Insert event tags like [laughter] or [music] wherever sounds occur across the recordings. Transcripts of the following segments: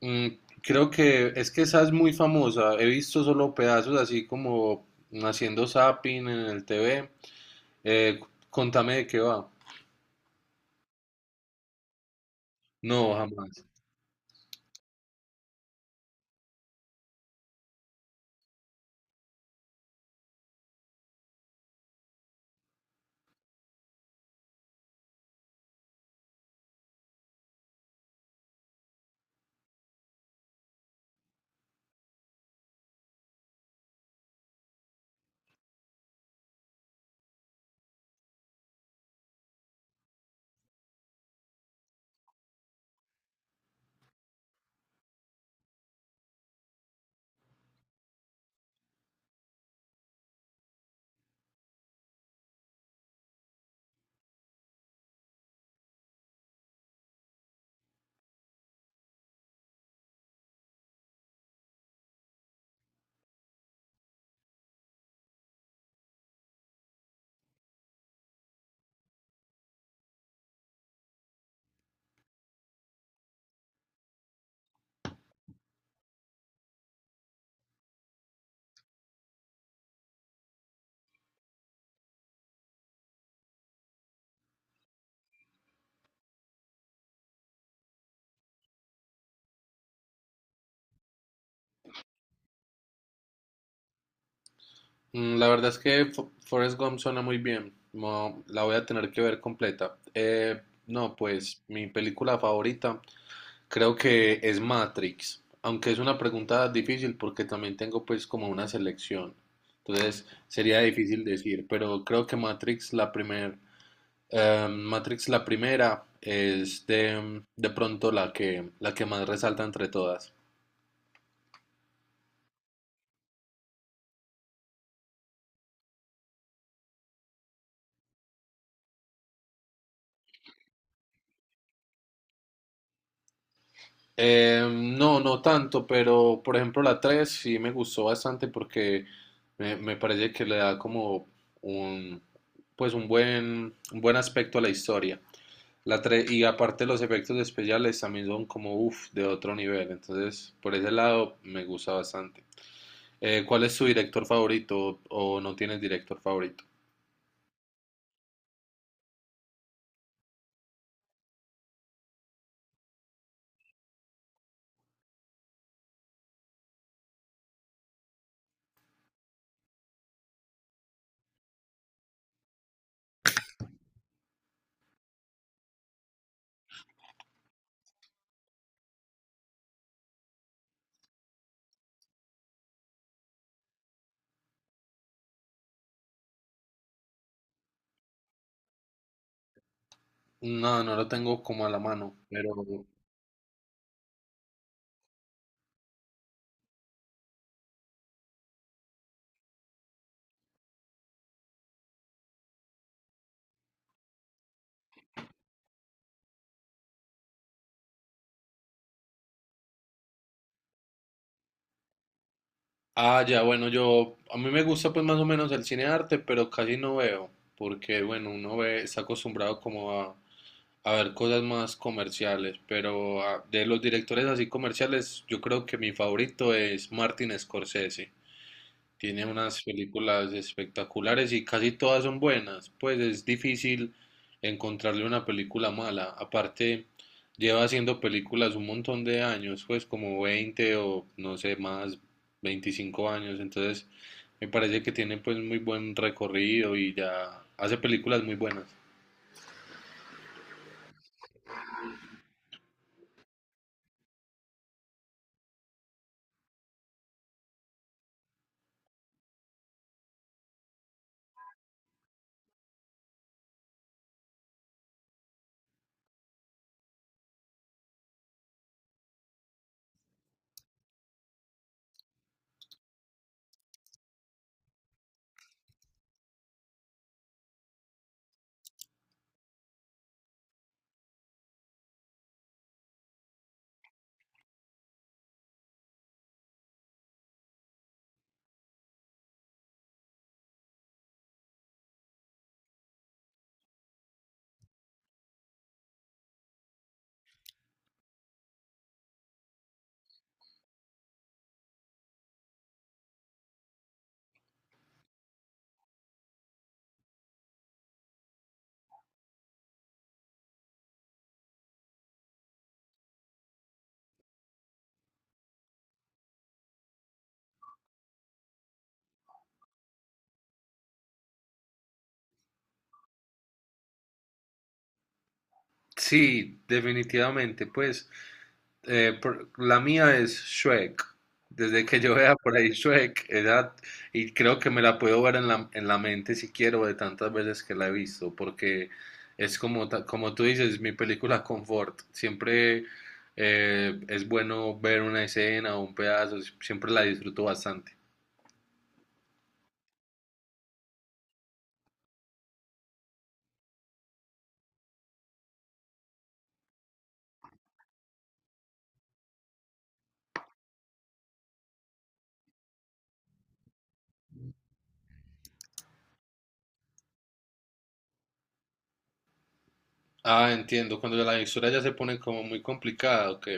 Mm, creo que es que esa es muy famosa. He visto solo pedazos así como haciendo zapping en el TV. Eh, contame de qué va. No, jamás. La verdad es que Forrest Gump suena muy bien. No, la voy a tener que ver completa. No, pues mi película favorita creo que es Matrix. Aunque es una pregunta difícil porque también tengo pues como una selección. Entonces sería difícil decir, pero creo que Matrix la primera. Matrix, la primera, es de pronto la que más resalta entre todas. No, no tanto, pero por ejemplo la 3 sí me gustó bastante porque me parece que le da como un, pues un buen aspecto a la historia. La tres y aparte los efectos especiales también son como uff, de otro nivel. Entonces, por ese lado me gusta bastante. ¿Cuál es tu director favorito o no tienes director favorito? No, no lo tengo como a la mano, pero. Ah, ya, bueno, yo. A mí me gusta pues más o menos el cine de arte, pero casi no veo, porque bueno, uno ve, está acostumbrado como a ver cosas más comerciales, pero ah, de los directores así comerciales, yo creo que mi favorito es Martin Scorsese. Tiene unas películas espectaculares y casi todas son buenas, pues es difícil encontrarle una película mala. Aparte, lleva haciendo películas un montón de años, pues como 20 o no sé más, 25 años. Entonces, me parece que tiene pues muy buen recorrido y ya hace películas muy buenas. Sí, definitivamente, pues. La mía es Shrek. Desde que yo vea por ahí Shrek, y creo que me la puedo ver en la mente si quiero, de tantas veces que la he visto, porque es como tú dices, mi película confort. Siempre es bueno ver una escena o un pedazo, siempre la disfruto bastante. Ah, entiendo, cuando la historia ya se pone como muy complicada, ok.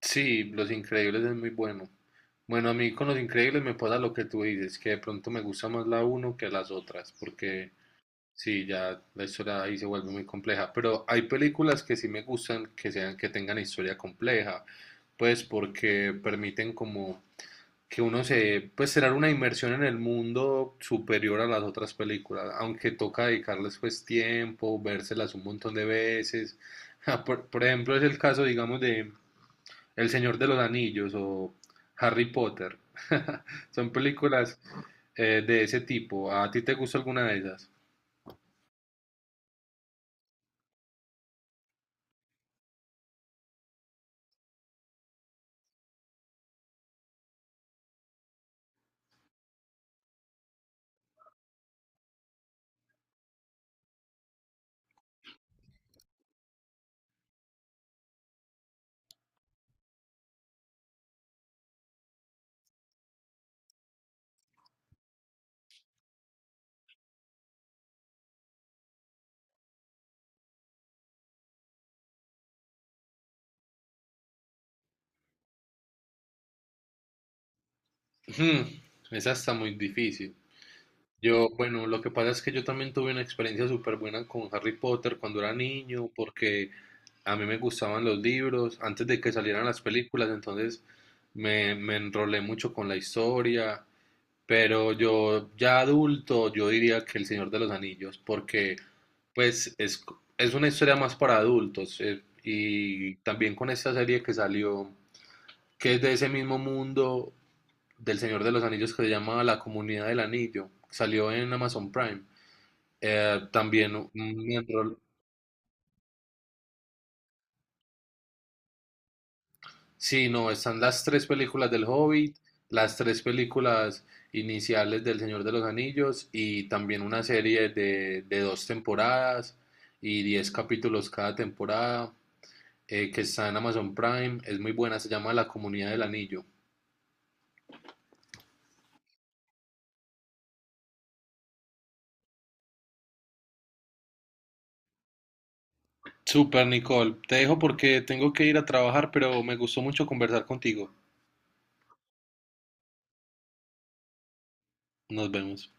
Sí, Los Increíbles es muy bueno. Bueno, a mí con Los Increíbles me pasa lo que tú dices, que de pronto me gusta más la uno que las otras, porque sí, ya la historia ahí se vuelve muy compleja. Pero hay películas que sí me gustan que sean, que tengan historia compleja, pues porque permiten como que pues será una inmersión en el mundo superior a las otras películas, aunque toca dedicarles pues tiempo, vérselas un montón de veces. [laughs] Por ejemplo, es el caso, digamos, de el Señor de los Anillos o Harry Potter. [laughs] Son películas de ese tipo. ¿A ti te gusta alguna de esas? Hmm, esa está muy difícil. Bueno, lo que pasa es que yo también tuve una experiencia súper buena con Harry Potter cuando era niño, porque a mí me gustaban los libros antes de que salieran las películas, entonces me enrolé mucho con la historia. Pero yo ya adulto, yo diría que El Señor de los Anillos, porque pues es una historia más para adultos. Y también con esta serie que salió, que es de ese mismo mundo del Señor de los Anillos que se llama La Comunidad del Anillo, salió en Amazon Prime. También me enrolé. Sí, no, están las tres películas del Hobbit, las tres películas iniciales del Señor de los Anillos y también una serie de dos temporadas y 10 capítulos cada temporada que está en Amazon Prime. Es muy buena, se llama La Comunidad del Anillo. Super, Nicole. Te dejo porque tengo que ir a trabajar, pero me gustó mucho conversar contigo. Nos vemos.